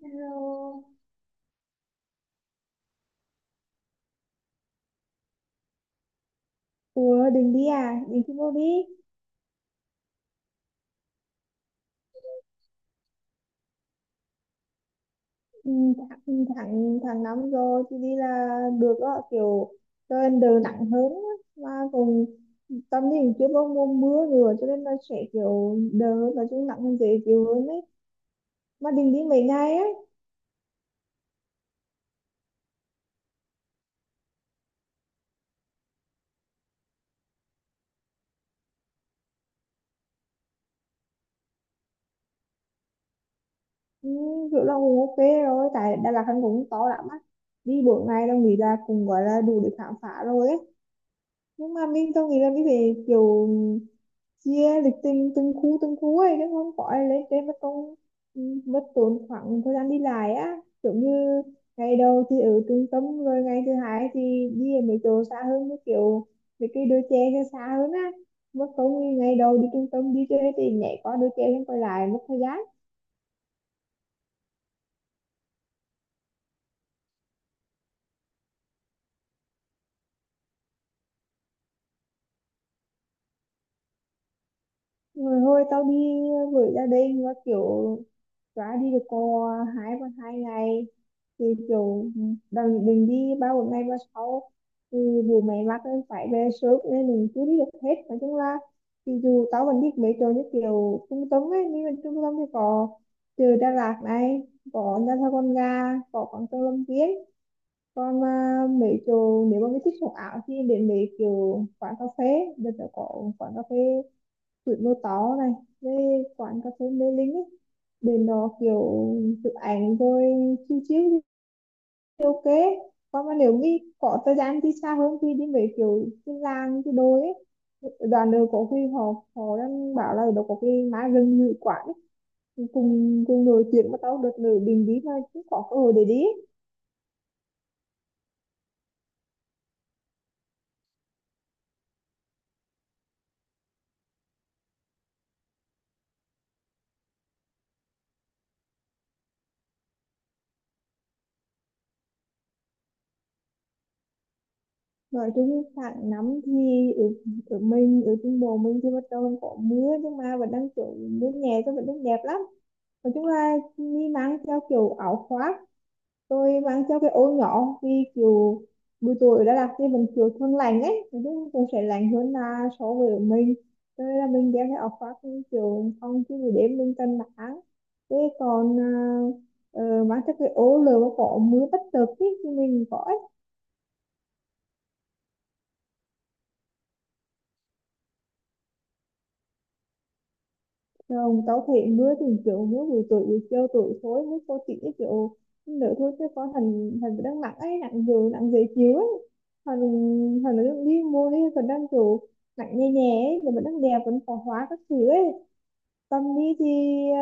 Hello. Ủa định đi à? Định đi vô đi. Ừ, tháng năm rồi thì đi là được đó. Kiểu trời đỡ nặng hơn á. Mà cũng tâm nhìn chưa có mùa mưa nữa cho nên là sẽ kiểu đỡ và chúng nặng hơn dễ chịu hơn đấy. Mà định đi mấy ngày ấy. Ừ, kiểu là cũng ok rồi. Tại Đà Lạt hắn cũng to lắm á. Đi bốn ngày đâu nghĩ là cũng gọi là đủ để khám phá rồi ấy. Nhưng mà mình tôi nghĩ là mình phải kiểu chia lịch trình từng khu ấy chứ không có ai lên trên mất công ừ, mất tốn khoảng thời gian đi lại á, kiểu như ngày đầu thì ở trung tâm rồi ngày thứ hai thì đi ở mấy chỗ xa hơn, như kiểu mấy cái đôi chè cho xa hơn á, mất công như ngày đầu đi trung tâm đi chơi thì nhảy qua đôi chè lên quay lại mất thời gian. Rồi hồi tao đi với gia đình và kiểu trả đi được cô hai ba hai ngày thì kiểu đừng đừng đi ba một ngày ba sáu thì dù mày mắc nên phải về sớm nên mình chưa đi được hết, nói chung là thì dù tao vẫn biết mấy chỗ như kiểu trung tâm ấy nhưng mà trung tâm thì có từ Đà Lạt này, có Nha Trang Con Ga, có Quảng Châu Lâm Viên, còn à, mấy chỗ nếu mà mới thích sống ảo thì đến mấy kiểu quán cà phê, bây giờ có quán cà phê tuổi mơ tó này với quán cà phê Mê Linh ấy. Bên đó kiểu chụp ảnh rồi chill chill thì ok. Còn mà nếu như có thời gian đi xa hơn thì đi mấy kiểu cái làng cái đồi ấy, đoàn đường có khi họ họ đang bảo là ở đó có cái má rừng ngự quản ấy. Cùng cùng nổi chuyện mà tao đợt nữ bình đi mà cũng có cơ hội để đi ấy. Nói chung tháng năm thì ở mình ở trung bộ mình thì bắt đầu có mưa nhưng mà vẫn đang kiểu mưa nhẹ cho vẫn đang đẹp lắm. Nói chung là mi mang theo kiểu áo khoác, tôi mang theo cái ô nhỏ, vì kiểu buổi tối ở Đà Lạt thì vẫn kiểu thường lạnh ấy, nói chung cũng sẽ lạnh hơn là so với ở mình, cho nên là mình đeo cái áo khoác thì kiểu không chứ buổi đêm mình cần nắng. Thế còn à, mang theo cái ô lửa mà có mưa bất chợt ý, thì mình có. Không, tao thấy mưa thì kiểu mưa buổi tối buổi chiều tối thôi mới có, chỉ kiểu nữa thôi chứ có thằng thằng đang nặng ấy, nặng nhiều nặng dễ chịu ấy, thằng thằng nó đang đi mua đi còn đang kiểu nặng nhẹ nhẹ ấy nhưng mà đang đẹp vẫn có hóa các thứ ấy. Tâm đi thì ờ,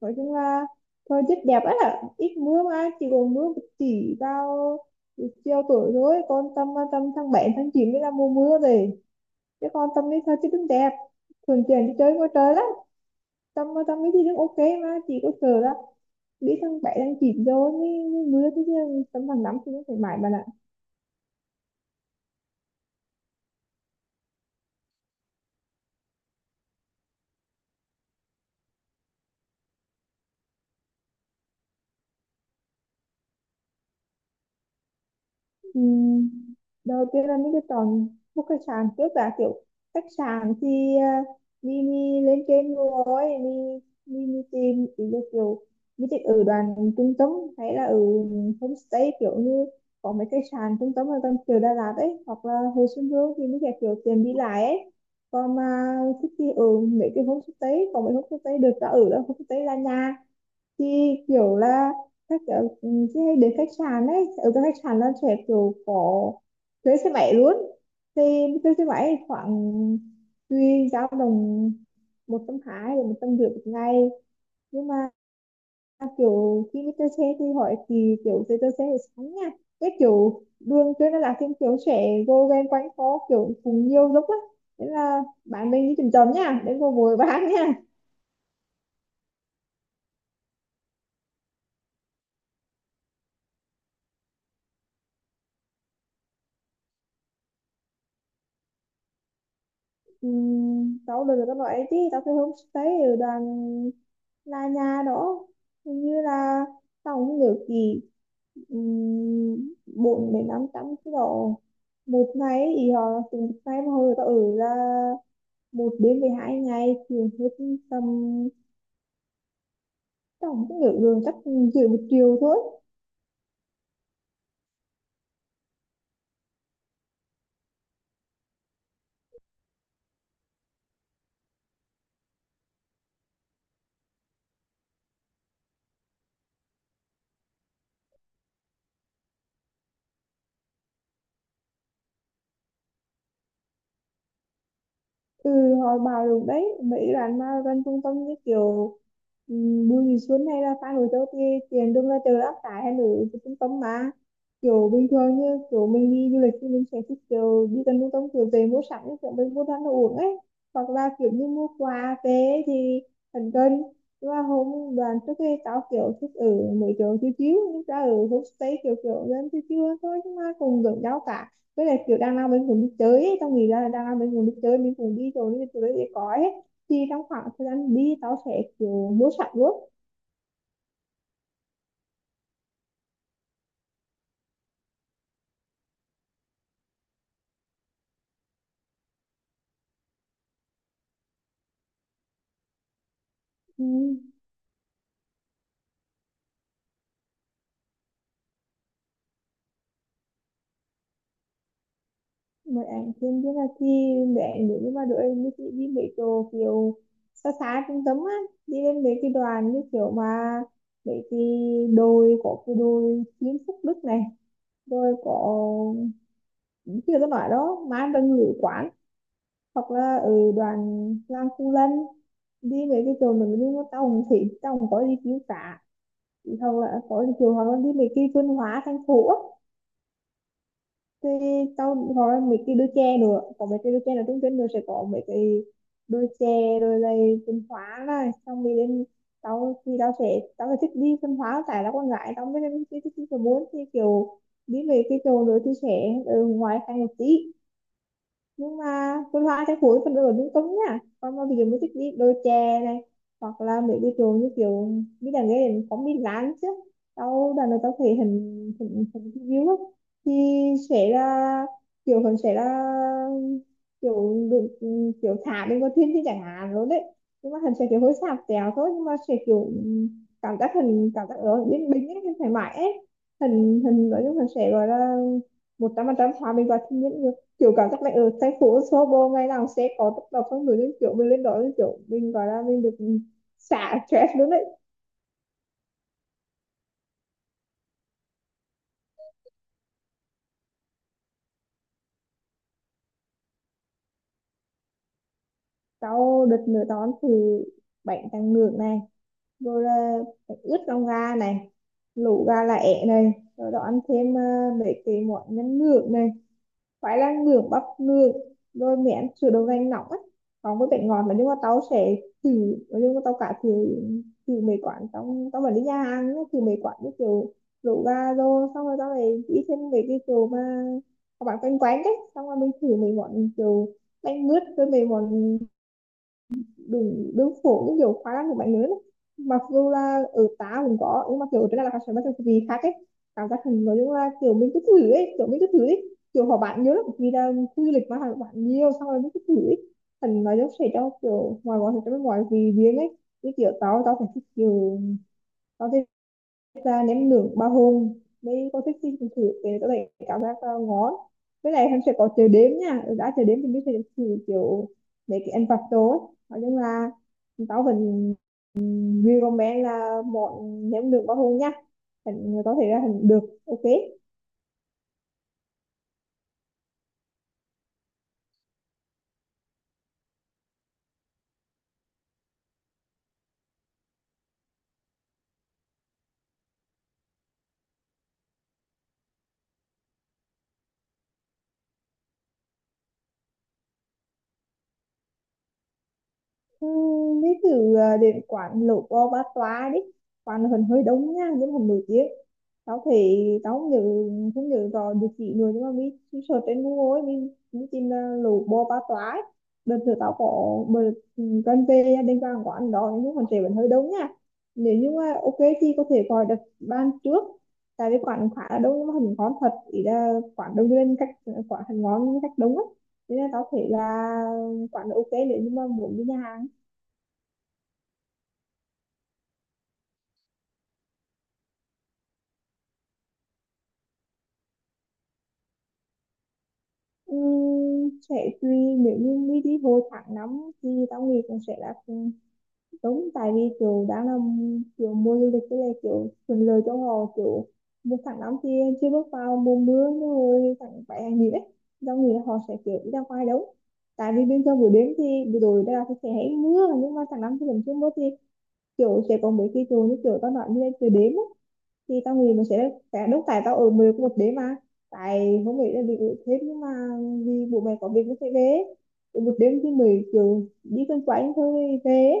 nói chung là thôi rất đẹp ấy, là ít mưa mà chỉ còn mưa một chỉ vào buổi chiều tối thôi, còn tâm tâm tháng 7 tháng 9 mới là mùa mưa rồi, chứ còn tâm đi thôi chứ cũng đẹp, thường chuyển đi chơi ngoài trời lắm. Tâm Tâm cái gì cũng ok. Mà chị có sợ là biết thằng bé đang chìm vô như, như mưa thế chứ tấm bằng lắm thì nó phải mãi mà là. Ừ, đầu tiên là mình cứ chọn một cái sàn trước đã, kiểu khách sạn thì uh, mình lên trên rồi mình tìm ý, là kiểu mình thích ở đoàn trung tâm hay là ở homestay, kiểu như có mấy cái sàn trung tâm ở gần kiểu Đà Lạt ấy hoặc là Hồ Xuân Hương thì mình sẽ kiểu tiền đi lại ấy. Còn mà thích thì ở mấy cái homestay, có mấy homestay được đã ở đó, homestay là nhà chị, kiểu là các kiểu, ừ, chị hay đến khách sạn ấy, ở cái khách sạn nó sẽ kiểu có thuê xe máy luôn. Thì thuê xe máy khoảng tùy, dao động 120 đến 150 một ngày. Nhưng mà kiểu khi đi chơi xe thì hỏi thì kiểu chơi chơi xe thì sáng nha, cái kiểu đường trên nó là thêm kiểu trẻ vô ghen quanh phố kiểu cùng nhiều dốc á, thế là bạn mình đi chậm chậm nha đến cô vội bán nha. Ừ, tao được các loại chứ tao phải homestay ở đoàn là nhà đó, hình như là tao không nhớ gì, um, 4 đến 500 cái đó một ngày thì họ, từ một ngày mà hồi tao ở là một đến 12 ngày thì hết tầm, tao không nhớ được chắc dưới một triệu thôi. Ừ, hồi bảo được đấy mấy bạn mà gần trung tâm như kiểu Bùi Thị Xuân hay là Phan Bội Châu thì tiền đương là từ áp tải hay là từ trung tâm mà, kiểu bình thường như kiểu mình đi du lịch thì mình sẽ thích kiểu đi gần trung tâm kiểu về mua sắm như kiểu mình mua ăn đồ uống ấy, hoặc là kiểu như mua quà về thì thần cân. Nhưng mà hôm đoàn trước kia tao kiểu thích ở mấy chỗ chiếu chiếu nhưng ra ở homestay kiểu kiểu dân chiếu chiếu thôi nhưng mà cùng gần nhau cả, với lại kiểu đang lao bên vùng đi chơi ấy. Tao nghĩ ra là đang lao bên vùng đi chơi bên vùng đi rồi nên tụi nó sẽ có ấy, thì trong khoảng thời gian đi tao sẽ kiểu mua sắm luôn. Ừ. Mấy ảnh thêm biết là khi mẹ nếu như mà đội như đi mấy chỗ kiểu xa xa trung tâm á, đi lên mấy cái đoàn như kiểu mà mấy cái đồi, có cái đồi Kim Phúc Đức này, rồi có như tôi nói đó má đừng lữ quán, hoặc là ừ, đoàn làm khu lân. Đi mấy cái chỗ mình đi mua tàu thì tàu có đi chiếu cả, hoặc là có đi chiều, hoặc là đi mấy cái văn hóa thành phố á. Thì tàu hoặc là mấy cái đôi chè nữa, có mấy cái đôi chè là trung tâm nữa sẽ có mấy cái đôi chè, rồi là văn hóa này, xong đi đến, tao thì tao sẽ thích đi văn hóa tại là con gái tao mới thích thích thích muốn thì kiểu đi về cái chỗ nữa thì sẽ ở ngoài thành một tí, nhưng mà vườn hoa chắc phối vẫn ở lung tung nhá. Còn mà ví dụ mình thích đi đôi chè này, hoặc là mấy cái chỗ như kiểu đi đàn nghe đến có mi lán chứ, tao đàn này tao thấy hình hình hình view á, thì sẽ là kiểu hình sẽ là kiểu được, kiểu thả lên con thiên thì chẳng hạn luôn đấy, nhưng mà hình sẽ kiểu hơi sạp tèo thôi nhưng mà sẽ kiểu ừ, cảm giác hình cảm giác ở yên bình ấy thoải mái ấy. Hình hình nói chung hình sẽ gọi là 100% hòa mình vào thiên nhiên, kiểu cảm giác này ở thành phố Sobo ngày nào sẽ có tấp nập con người lên, kiểu mình lên đó lên kiểu mình gọi là mình được xả stress luôn đấy. Sau đợt nửa đón thì bánh tráng ngược này, rồi là bánh ướt lòng gà này, lẩu gà lá é này, rồi đó ăn thêm ờ, mấy cái món nhân ngược này, phải là ngưỡng bắp ngược, rồi mẹ ăn sữa đậu nành nóng ấy, còn với bệnh ngọt là, nhưng mà tao sẽ thử. Nhưng mà tao cả thử, thử mấy quán trong tao vẫn đi nhà hàng nhá, thử mấy quán như kiểu rượu gà, rồi xong rồi tao lại đi thêm mấy cái kiểu mà các bạn quanh quán đấy, xong rồi mình thử mấy món kiểu bánh mướt với mấy món đúng đúng phổ, cái kiểu khóa năng của bạn lớn ấy. Mặc dù là ở tá cũng có nhưng mà kiểu ở trên là học sinh nó kiểu gì khác ấy, cảm giác hình nói chung là kiểu mình cứ thử ấy kiểu mình cứ thử ấy kiểu họ bạn nhớ lắm vì là khu du lịch mà họ bạn nhiều xong rồi mình cứ thử ấy, thành nói chung sẽ cho kiểu ngoài gọi sẽ cho bên ngoài vì riêng ấy. Cái kiểu tao tao phải thích kiểu, tao thì ra nếm nướng ba hôm mới có thích xin thử để có thể cảm giác ờ, ngon. Với lại em sẽ có chờ đếm nha, đã chờ đếm thì mình sẽ được thử kiểu mấy cái ăn vặt đó ấy. Nói chung là tao vẫn recommend là món nếm nướng ba hôm nha. Có thể là hình được. Ok. Đi thử à, đến quán lẩu bò ba toa đi. Quán hình hơi đông nha nhưng mà nổi tiếng. Tao không nhớ, không nhớ rõ địa chỉ nữa, nhưng mà mình search trên Google ấy, mình tìm là lẩu bò ba toa ấy. Đợt thử tao có bờ cần về đến quán quán đó, nhưng mà trẻ vẫn hơi đông nha. Nếu như mà ok thì có thể gọi đặt ban trước, tại vì quán khá là đông nhưng mà hình ngon thật, ý là quán đông lên cách. Quán hình ngon nhưng cách đông á. Thế nên tao thấy là quán là ok nếu như mà muốn đi nhà hàng. Sẽ tùy. Nếu như đi đi hồi tháng năm thì tao nghĩ cũng sẽ là cũng đúng, tại vì kiểu đang là kiểu mùa du lịch, với lại kiểu thuận lợi cho họ kiểu một tháng năm thì chưa bước vào mùa mưa, nhưng rồi tháng bảy hay gì đấy tao nghĩ là họ sẽ kiểu đi ra ngoài đúng. Tại vì bên trong buổi đêm thì buổi tối đây là sẽ hay mưa, nhưng mà tháng năm thì vẫn chưa mưa thì kiểu sẽ có mấy cái chỗ như kiểu tao nói như là trời đêm á, thì tao nghĩ nó sẽ đốt. Tại tao ở mười có một đêm mà, tại không nghĩ là bị ở thêm, nhưng mà vì bố mẹ có việc nó phải về. Ở một đêm thì mười kiểu đi quanh quanh thôi về,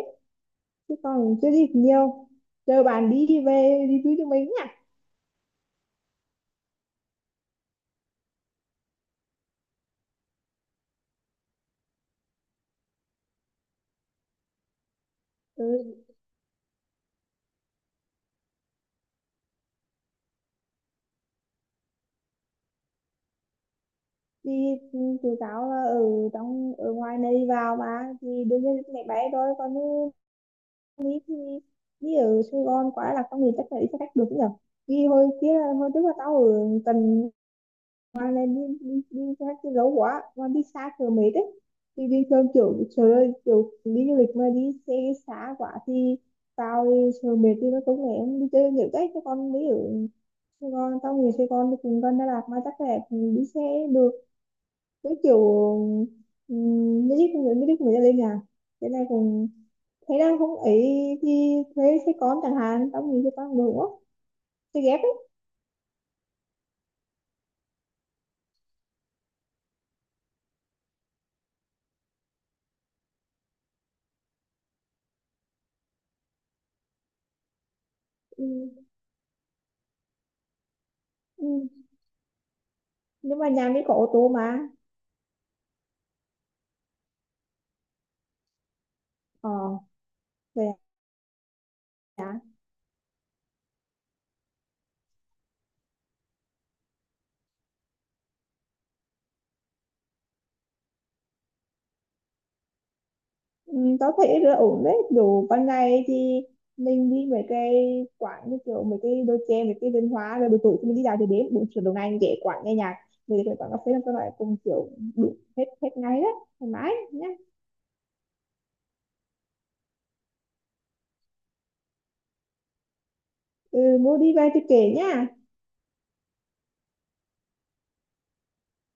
chứ còn chưa gì nhiều. Chờ bạn đi về đi với tụi mình nhá. Ừ, thì ừ, tụi tao là ở trong, ở ngoài này vào mà thì đương nhiên mẹ bé thôi, còn như đi thì đi ở Sài Gòn quá là tao nghĩ chắc là đi xe khách được nhỉ. Vì hồi kia, hồi trước là tao ở tận Hoàng này, đi ra cái dấu quá Hoàng đi xa kiểu mệt đấy. Thì bình thường kiểu trời ơi kiểu đi du lịch mà đi xe xa quá thì tao đi trời mệt, thì nó cũng lẽ em đi chơi nhiều đấy cho con mới ở Sài Gòn. Tao người Sài Gòn thì cùng con Đà Lạt mà chắc là đi xe được. Với kiểu mới đi cùng người lên nhà thế này cùng, thế đang không ấy, thì thuê xe con chẳng hạn, tao nghĩ xe con được quá, xe ghép ấy. Ừ. Ừ. Nhưng mà nhà mới có ô tô mà. Ờ, vậy à. Ừ, tớ thấy là ổn đấy, kiểu ban ngày thì mình đi mấy cái quán như kiểu mấy cái đồ chơi, mấy cái văn hóa, rồi buổi tối thì mình đi dạo, thì đến buổi chiều đầu ngày để quán nghe nhạc, về cái quán cà phê là các loại cùng kiểu đủ hết, hết ngày đấy, thoải mái nhá. Ừ, mua đi về thì kể nhá.